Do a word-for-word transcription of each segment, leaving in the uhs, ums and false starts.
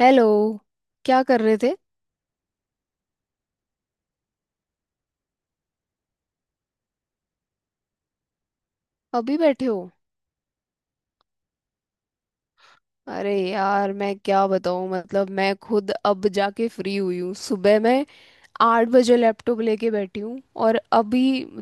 Hello. क्या कर रहे थे? अभी बैठे हो? अरे यार, मैं क्या बताऊँ, मतलब मैं खुद अब जाके फ्री हुई हूँ। सुबह मैं आठ बजे लैपटॉप लेके बैठी हूँ। और अभी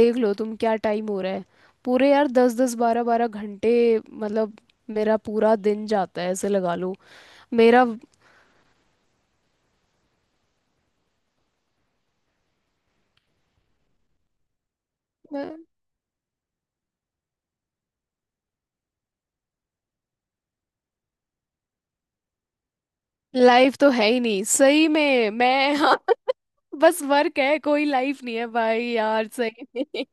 देख लो तुम, क्या टाइम हो रहा है। पूरे यार दस दस बारह बारह घंटे, मतलब मेरा पूरा दिन जाता है ऐसे लगा लो। मेरा लाइफ तो है ही नहीं सही में मैं। हाँ। बस वर्क है, कोई लाइफ नहीं है, भाई यार सही में।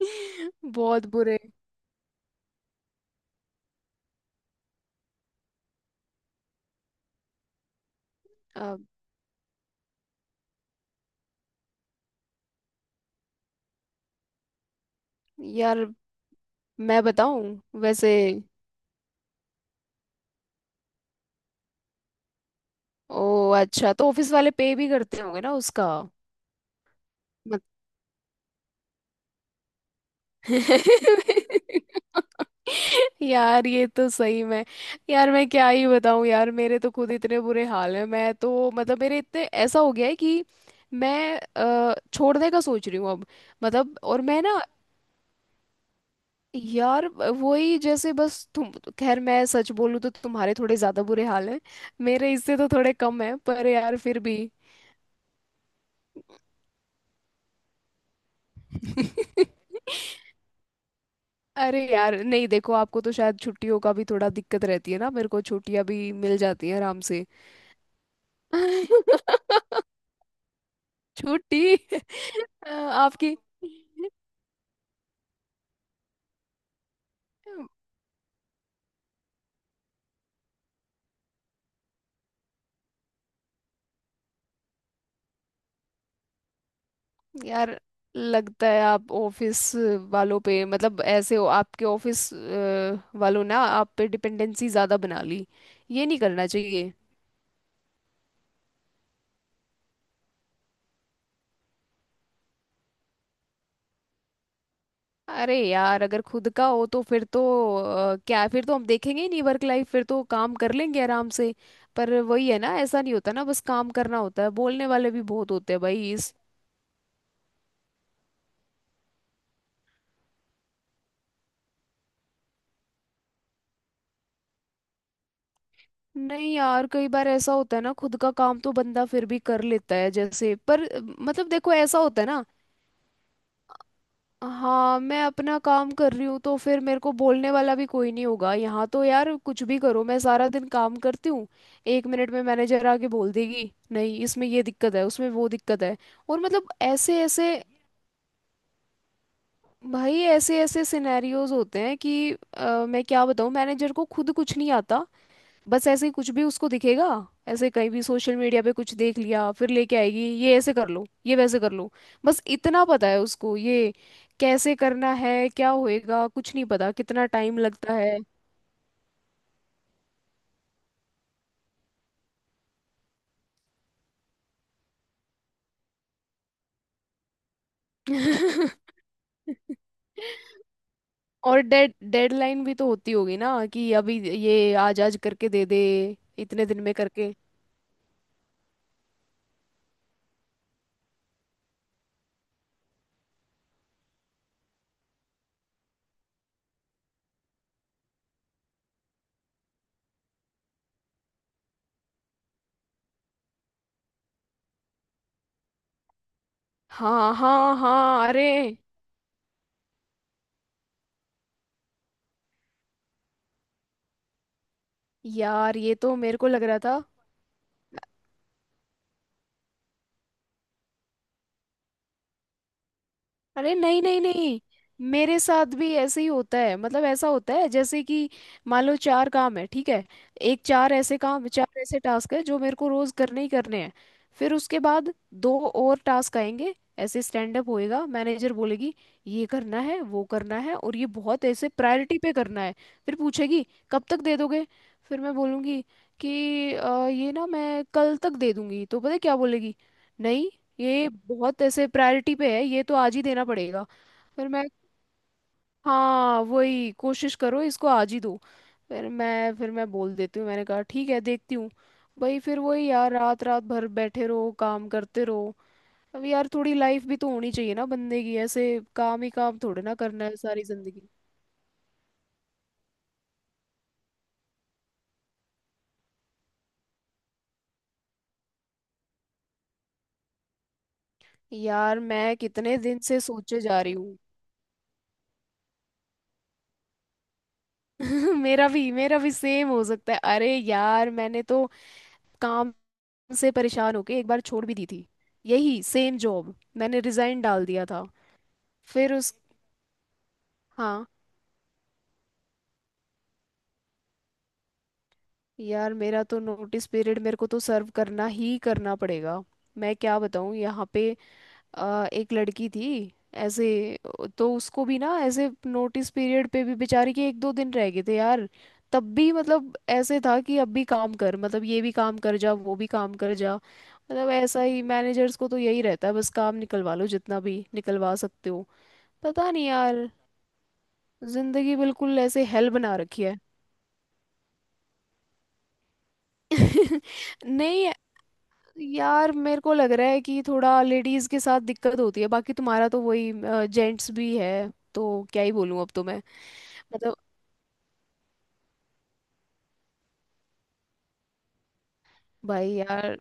बहुत बुरे। अब यार मैं बताऊं वैसे। ओ अच्छा, तो ऑफिस वाले पे भी करते होंगे ना उसका। मत। यार ये तो सही में। यार मैं क्या ही बताऊं, यार मेरे तो खुद इतने बुरे हाल हैं। मैं तो मतलब मेरे इतने ऐसा हो गया है कि मैं अ, छोड़ने का सोच रही हूँ अब। मतलब और मैं ना। यार वही जैसे बस तुम। खैर मैं सच बोलूँ तो तुम्हारे थोड़े ज्यादा बुरे हाल हैं, मेरे इससे तो थोड़े कम हैं, पर यार फिर भी। अरे यार नहीं, देखो आपको तो शायद छुट्टियों का भी थोड़ा दिक्कत रहती है ना। मेरे को छुट्टियां भी मिल जाती है आराम से। छुट्टी। अ, आपकी। यार लगता है आप ऑफिस वालों पे मतलब ऐसे हो आपके ऑफिस वालों, ना आप पे डिपेंडेंसी ज्यादा बना ली। ये नहीं करना चाहिए। अरे यार अगर खुद का हो तो फिर तो अ, क्या फिर तो हम देखेंगे ही नहीं वर्क लाइफ, फिर तो काम कर लेंगे आराम से। पर वही है ना, ऐसा नहीं होता ना, बस काम करना होता है, बोलने वाले भी बहुत होते हैं भाई इस। नहीं यार, कई बार ऐसा होता है ना, खुद का काम तो बंदा फिर भी कर लेता है जैसे, पर अ, मतलब देखो ऐसा होता है ना। हाँ, मैं अपना काम कर रही हूँ तो फिर मेरे को बोलने वाला भी कोई नहीं होगा। यहाँ तो यार कुछ भी करो, मैं सारा दिन काम करती हूँ। एक मिनट में मैनेजर आके बोल देगी नहीं इसमें ये दिक्कत है, उसमें वो दिक्कत है और मतलब ऐसे ऐसे। भाई ऐसे ऐसे सिनेरियोज होते हैं कि अ, मैं क्या बताऊँ, मैनेजर को खुद कुछ नहीं आता। बस ऐसे ही कुछ भी उसको दिखेगा, ऐसे कहीं भी सोशल मीडिया पे कुछ देख लिया फिर लेके आएगी, ये ऐसे कर लो, ये वैसे कर लो। बस इतना पता है उसको, ये कैसे करना है, क्या होएगा कुछ नहीं पता, कितना टाइम लगता है। और डेड डेडलाइन भी तो होती होगी ना कि अभी ये आज आज करके दे दे इतने दिन में करके। हाँ हाँ हाँ, अरे यार ये तो मेरे को लग रहा था। अरे नहीं नहीं नहीं, मेरे साथ भी ऐसे ही होता है, मतलब ऐसा होता है जैसे कि मान लो चार काम है ठीक है। एक चार ऐसे काम, चार ऐसे टास्क है जो मेरे को रोज करने ही करने हैं। फिर उसके बाद दो और टास्क आएंगे। ऐसे स्टैंड अप होएगा, मैनेजर बोलेगी ये करना है, वो करना है और ये बहुत ऐसे प्रायोरिटी पे करना है। फिर पूछेगी कब तक दे दोगे। फिर मैं बोलूँगी कि "अ, ये ना मैं कल तक दे दूंगी, तो पता है क्या बोलेगी? नहीं, ये बहुत ऐसे प्रायोरिटी पे है, ये तो आज ही देना पड़ेगा। फिर मैं, हाँ वही कोशिश करो इसको आज ही दो। फिर मैं फिर मैं बोल देती हूँ, मैंने कहा ठीक है देखती हूँ। भाई फिर वही यार, रात रात भर बैठे रहो काम करते रहो। अब यार थोड़ी लाइफ भी तो होनी चाहिए ना बंदे की, ऐसे काम ही काम थोड़े ना करना है सारी जिंदगी। यार मैं कितने दिन से सोचे जा रही हूँ। मेरा भी मेरा भी सेम हो सकता है। अरे यार मैंने तो काम से परेशान होके एक बार छोड़ भी दी थी। यही सेम जॉब मैंने रिजाइन डाल दिया था। फिर उस। हाँ। यार मेरा तो नोटिस पीरियड मेरे को तो सर्व करना ही करना पड़ेगा। मैं क्या बताऊँ, यहाँ पे अ, एक लड़की थी ऐसे। तो उसको भी ना ऐसे नोटिस पीरियड पे भी बेचारी के एक दो दिन रह गए थे यार। तब भी मतलब ऐसे था कि अब भी काम कर, मतलब ये भी काम कर जा, वो भी काम कर जा। मतलब ऐसा ही मैनेजर्स को तो यही रहता है, बस काम निकलवा लो जितना भी निकलवा सकते हो। पता नहीं यार, जिंदगी बिल्कुल ऐसे हेल बना रखी है। नहीं यार मेरे को लग रहा है कि थोड़ा लेडीज के साथ दिक्कत होती है, बाकी तुम्हारा तो वही जेंट्स भी है तो क्या ही बोलूं अब तो मैं, मतलब भाई यार।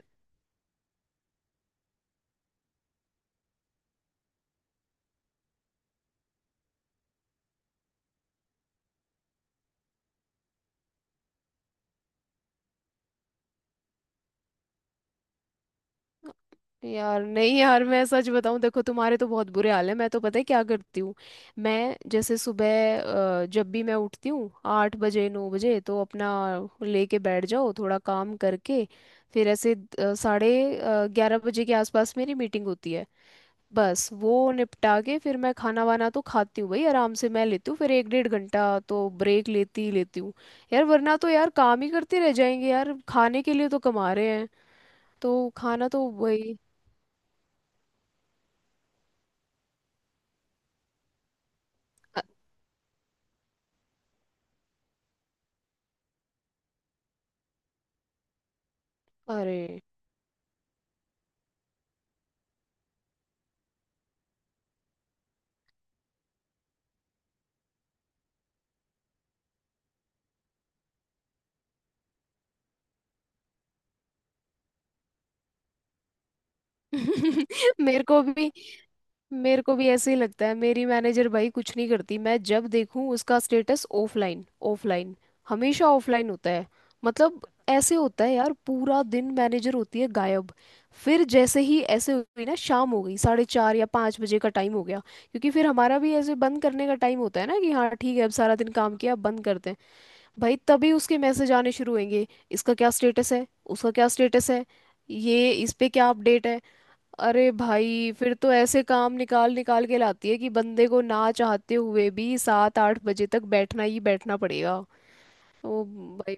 यार नहीं यार मैं सच बताऊं, देखो तुम्हारे तो बहुत बुरे हाल है। मैं तो पता है क्या करती हूँ, मैं जैसे सुबह अ, जब भी मैं उठती हूँ आठ बजे नौ बजे तो अपना लेके बैठ जाओ थोड़ा काम करके। फिर ऐसे अ, साढ़े अ, ग्यारह बजे के आसपास मेरी मीटिंग होती है। बस वो निपटा के फिर मैं खाना वाना तो खाती हूँ भाई आराम से, मैं लेती हूँ फिर एक डेढ़ घंटा तो ब्रेक लेती ही लेती हूँ। यार वरना तो यार काम ही करते रह जाएंगे यार, खाने के लिए तो कमा रहे हैं तो खाना तो वही। अरे। मेरे को भी मेरे को भी ऐसे ही लगता है, मेरी मैनेजर भाई कुछ नहीं करती। मैं जब देखूं उसका स्टेटस ऑफलाइन, ऑफलाइन, हमेशा ऑफलाइन होता है। मतलब ऐसे होता है यार, पूरा दिन मैनेजर होती है गायब। फिर जैसे ही ऐसे हुई ना शाम हो गई, साढ़े चार या पाँच बजे का टाइम हो गया। क्योंकि फिर हमारा भी ऐसे बंद करने का टाइम होता है ना कि हाँ ठीक है, अब सारा दिन काम किया, अब बंद करते हैं। भाई तभी उसके मैसेज आने शुरू होंगे, इसका क्या स्टेटस है, उसका क्या स्टेटस है, ये इस पे क्या अपडेट है। अरे भाई फिर तो ऐसे काम निकाल निकाल के लाती है कि बंदे को ना चाहते हुए भी सात आठ बजे तक बैठना ही बैठना पड़ेगा। ओ भाई।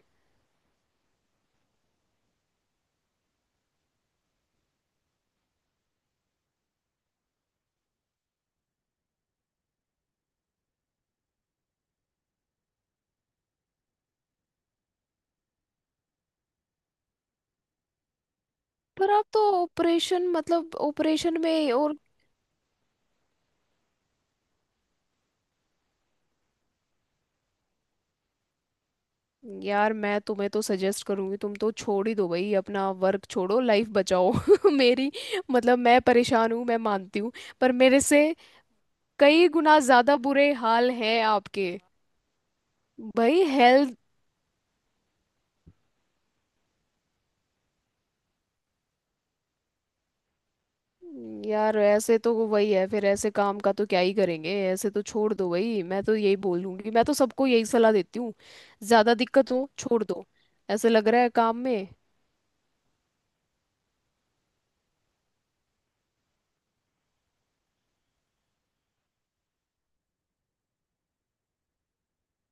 पर आप तो ऑपरेशन, मतलब ऑपरेशन में और यार मैं तुम्हें तो सजेस्ट करूंगी, तुम तो छोड़ ही दो भाई, अपना वर्क छोड़ो लाइफ बचाओ। मेरी मतलब मैं परेशान हूँ, मैं मानती हूँ, पर मेरे से कई गुना ज्यादा बुरे हाल हैं आपके भाई। हेल्थ। यार ऐसे तो वो वही है, फिर ऐसे काम का तो क्या ही करेंगे, ऐसे तो छोड़ दो भाई, मैं तो यही बोलूंगी, मैं तो सबको यही सलाह देती हूँ। ज्यादा दिक्कत हो छोड़ दो, ऐसे लग रहा है काम में।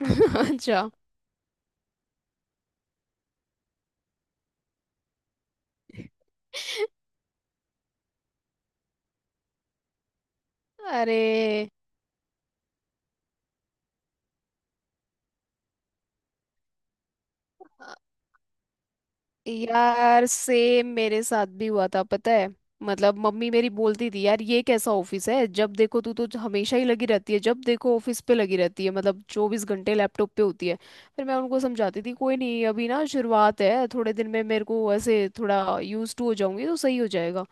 अच्छा, अरे यार सेम मेरे साथ भी हुआ था पता है। मतलब मम्मी मेरी बोलती थी यार ये कैसा ऑफिस है, जब देखो तू तो हमेशा ही लगी रहती है, जब देखो ऑफिस पे लगी रहती है, मतलब चौबीस घंटे लैपटॉप पे होती है। फिर मैं उनको समझाती थी कोई नहीं, अभी ना शुरुआत है, थोड़े दिन में मेरे को ऐसे थोड़ा यूज टू हो जाऊंगी तो सही हो जाएगा।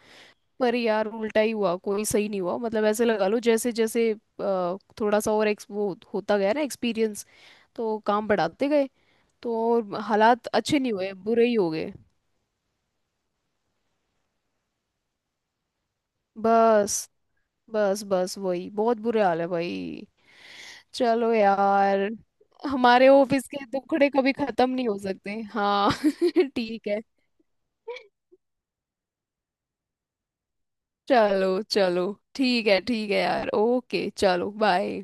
पर यार उल्टा ही हुआ, कोई सही नहीं हुआ, मतलब ऐसे लगा लो जैसे जैसे अ, थोड़ा सा और एक्स वो होता गया ना एक्सपीरियंस। तो काम बढ़ाते गए, तो और हालात अच्छे नहीं हुए, बुरे ही हो गए। बस बस बस वही बहुत बुरे हाल है भाई। चलो यार। हमारे ऑफिस के दुखड़े कभी खत्म नहीं हो सकते, हाँ। ठीक है, चलो चलो ठीक है, ठीक है यार, ओके चलो बाय।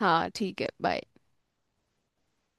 हाँ ठीक है, बाय।